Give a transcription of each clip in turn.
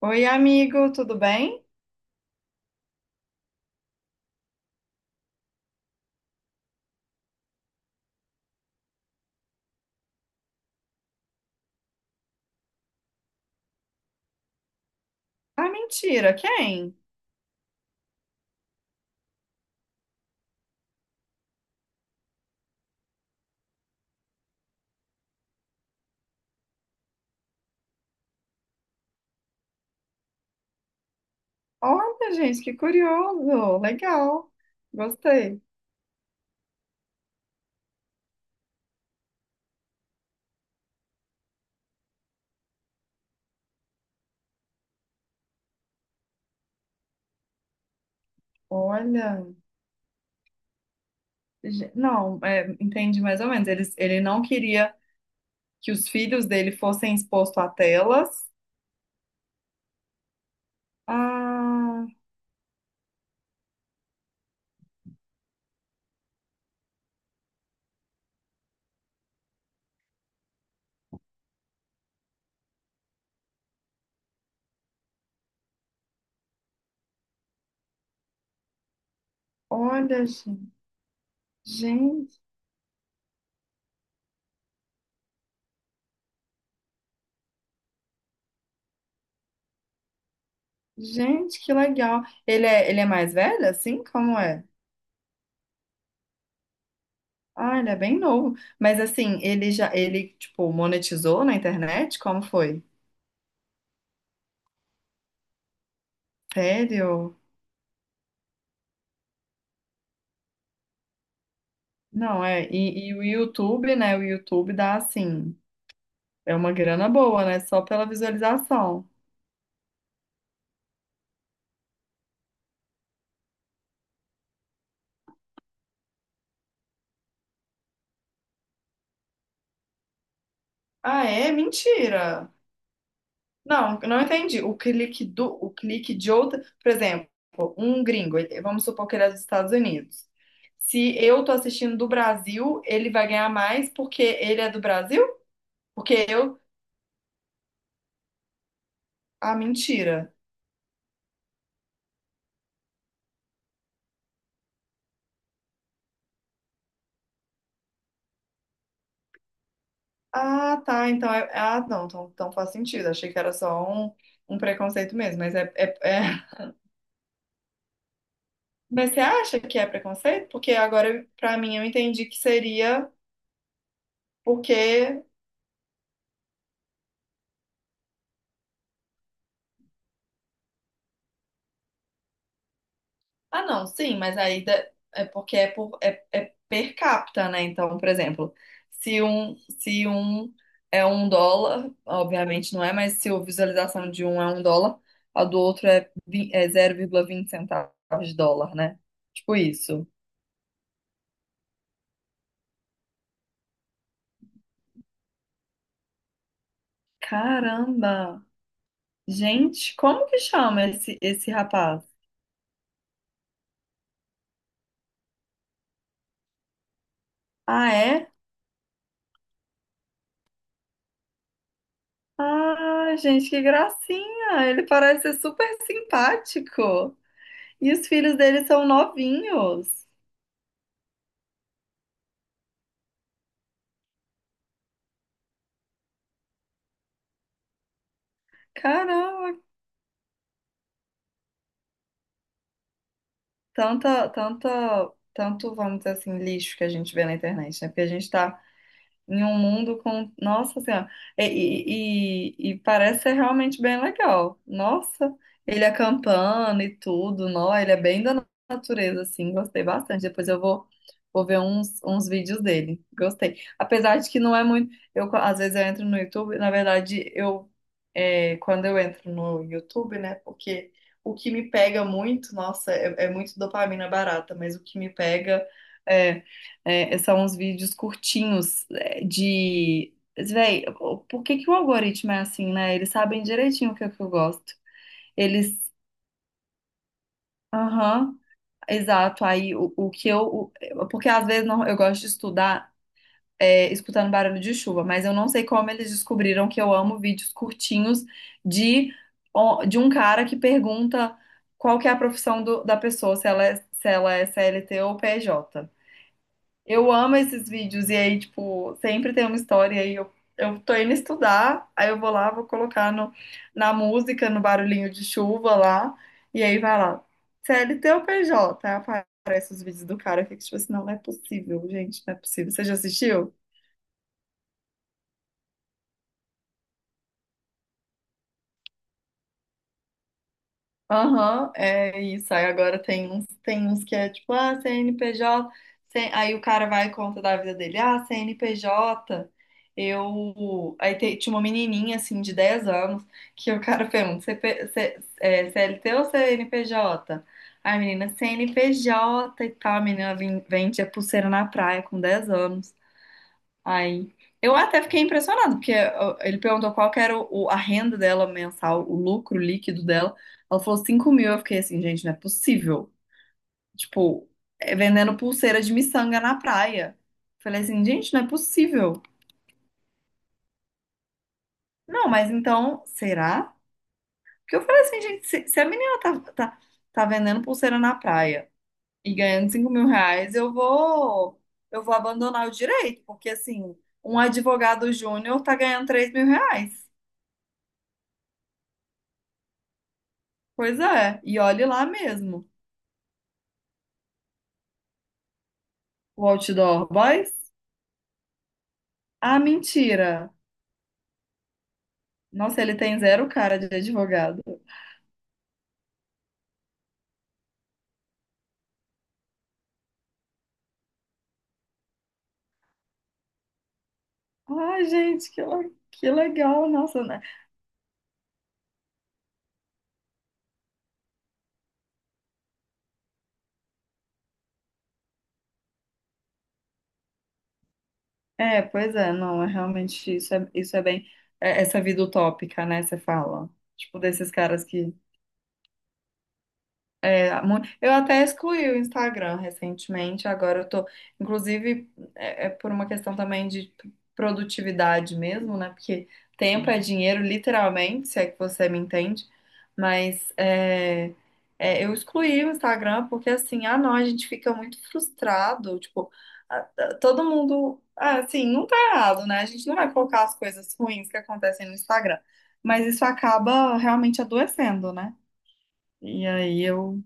Oi, amigo, tudo bem? Ah, mentira, quem? Olha, gente, que curioso, legal, gostei. Olha, não, entendi mais ou menos. Ele não queria que os filhos dele fossem expostos a telas. Ah, olha, gente, gente, gente, que legal. Ele é mais velho, assim? Como é? Ah, ele é bem novo. Mas assim, ele, tipo, monetizou na internet? Como foi? Sério? Não, e o YouTube, né? O YouTube dá assim, é uma grana boa, né? Só pela visualização. Ah, é? Mentira! Não, eu não entendi. O clique de outra, por exemplo, um gringo, vamos supor que ele é dos Estados Unidos. Se eu tô assistindo do Brasil, ele vai ganhar mais porque ele é do Brasil? Porque eu. Ah, mentira. Ah, tá. Então é. Ah, não, então faz sentido. Achei que era só um preconceito mesmo, mas você acha que é preconceito? Porque agora, pra mim, eu entendi que seria porque. Ah, não, sim, mas aí é porque é per capita, né? Então, por exemplo, se um é um dólar, obviamente não é, mas se a visualização de um é um dólar, a do outro é 0,20 centavos de dólar, né? Tipo isso. Caramba! Gente, como que chama esse rapaz? Ah, é? Ah, gente, que gracinha! Ele parece ser super simpático. E os filhos dele são novinhos. Caramba, tanta, tanta, tanto, vamos dizer assim, lixo que a gente vê na internet, né? Porque a gente tá em um mundo com. Nossa Senhora. E parece ser realmente bem legal. Nossa, ele acampando e tudo, nó, ele é bem da natureza, assim, gostei bastante. Depois eu vou ver uns vídeos dele. Gostei. Apesar de que não é muito. Eu, às vezes eu entro no YouTube, na verdade, quando eu entro no YouTube, né? Porque o que me pega muito, nossa, é muito dopamina barata, mas o que me pega é, são uns vídeos curtinhos de. Véi, por que que o algoritmo é assim, né? Eles sabem direitinho o que é que eu gosto. Eles. Aham, exato. Aí o que eu. Porque às vezes não, eu gosto de estudar escutando barulho de chuva, mas eu não sei como eles descobriram que eu amo vídeos curtinhos de, ó, de um cara que pergunta qual que é a profissão da pessoa, se ela é CLT ou PJ. Eu amo esses vídeos e aí, tipo, sempre tem uma história e aí eu tô indo estudar, aí eu vou lá, vou colocar no, na música, no barulhinho de chuva lá, e aí vai lá, CLT ou PJ? Aí aparece os vídeos do cara, eu fico tipo assim, não, não é possível, gente, não é possível. Você já assistiu? Aham, é isso. Aí agora tem uns que é tipo, ah, CNPJ. Aí o cara vai e conta da vida dele. Ah, CNPJ. Eu. Aí tinha uma menininha, assim, de 10 anos, que o cara pergunta: CP, CLT ou CNPJ? Aí a menina, CNPJ e tal. A menina vem vende a pulseira na praia com 10 anos. Aí, eu até fiquei impressionada, porque ó, ele perguntou qual que era a renda dela mensal, o lucro líquido dela. Ela falou 5 mil. Eu fiquei assim, gente, não é possível. Tipo, é vendendo pulseira de miçanga na praia. Falei assim, gente, não é possível. Não, mas então, será? Porque eu falei assim, gente, se a menina tá vendendo pulseira na praia e ganhando 5 mil reais, eu vou abandonar o direito, porque assim, um advogado júnior tá ganhando 3 mil reais. Pois é, e olhe lá mesmo. O Outdoor Boys? Ah, mentira! Nossa, ele tem zero cara de advogado. Ai, gente, que legal, nossa, né? É, pois é, não, é realmente isso é bem essa vida utópica, né? Você fala. Tipo, desses caras que. Eu até excluí o Instagram recentemente, agora eu tô, inclusive, é por uma questão também de produtividade mesmo, né? Porque tempo é dinheiro, literalmente, se é que você me entende, mas eu excluí o Instagram porque assim, ah não, a gente fica muito frustrado, tipo, todo mundo, ah, assim, não tá errado, né? A gente não vai colocar as coisas ruins que acontecem no Instagram, mas isso acaba realmente adoecendo, né? E aí eu.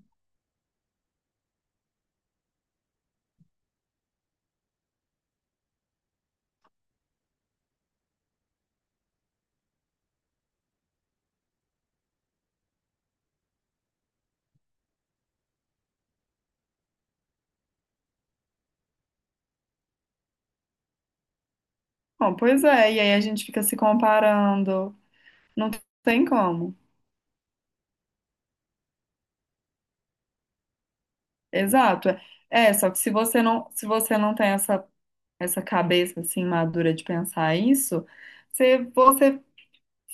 Bom, pois é, e aí a gente fica se comparando. Não tem como. Exato. É, só que se você não tem essa, essa cabeça assim madura de pensar isso, você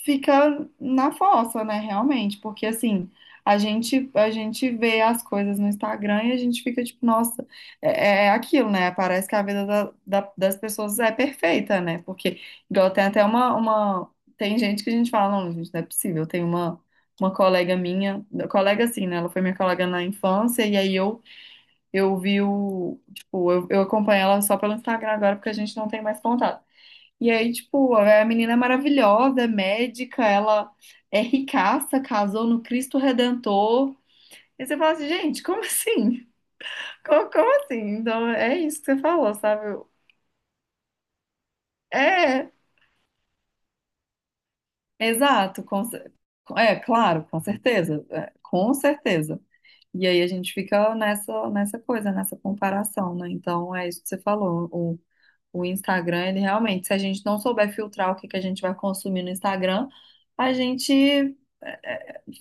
fica na fossa, né, realmente, porque assim, a gente vê as coisas no Instagram e a gente fica tipo, nossa, é aquilo, né? Parece que a vida das pessoas é perfeita, né? Porque igual tem até uma tem gente que a gente fala, não, gente, não é possível. Tem uma colega minha, colega assim, né? Ela foi minha colega na infância e aí tipo, eu acompanho ela só pelo Instagram agora porque a gente não tem mais contato. E aí, tipo, é a menina é maravilhosa, é médica, ela é ricaça, casou no Cristo Redentor. E você fala assim, gente, como assim? Como assim? Então, é isso que você falou, sabe? É, exato, claro, com certeza, é, com certeza. E aí a gente fica nessa coisa, nessa comparação, né? Então, é isso que você falou, o Instagram, ele realmente, se a gente não souber filtrar o que que a gente vai consumir no Instagram, a gente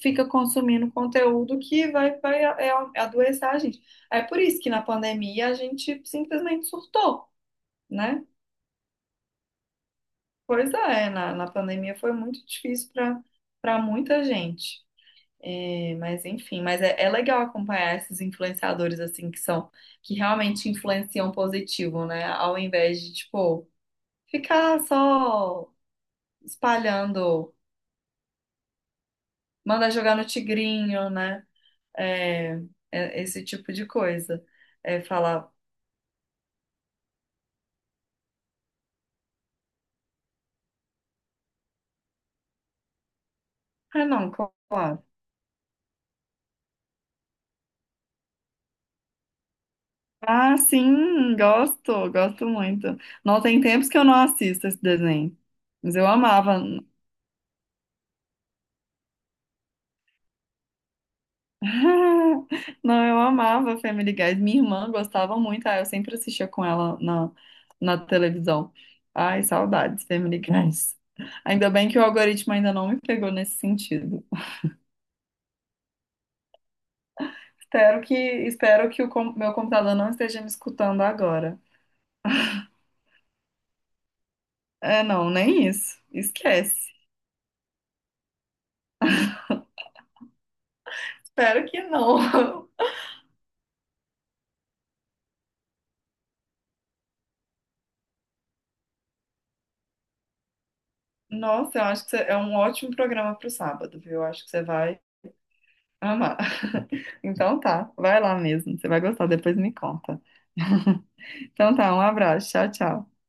fica consumindo conteúdo que vai adoecer a gente. É por isso que na pandemia a gente simplesmente surtou, né? Pois é, na pandemia foi muito difícil para muita gente. É, mas enfim, mas é legal acompanhar esses influenciadores assim que são que realmente influenciam positivo, né? Ao invés de tipo ficar só espalhando, manda jogar no tigrinho, né? É, é esse tipo de coisa. É falar, ah, não, claro. Ah, sim, gosto, gosto muito. Não tem tempos que eu não assisto esse desenho. Mas eu amava. Não, eu amava Family Guys. Minha irmã gostava muito. Ah, eu sempre assistia com ela na televisão. Ai, saudades, Family Guys. Ainda bem que o algoritmo ainda não me pegou nesse sentido. Espero que o meu computador não esteja me escutando agora. É, não, nem isso. Esquece. Espero que não. Nossa, eu acho que é um ótimo programa pro sábado, viu? Eu acho que você vai amar. Então tá, vai lá mesmo. Você vai gostar, depois me conta. Então tá, um abraço. Tchau, tchau.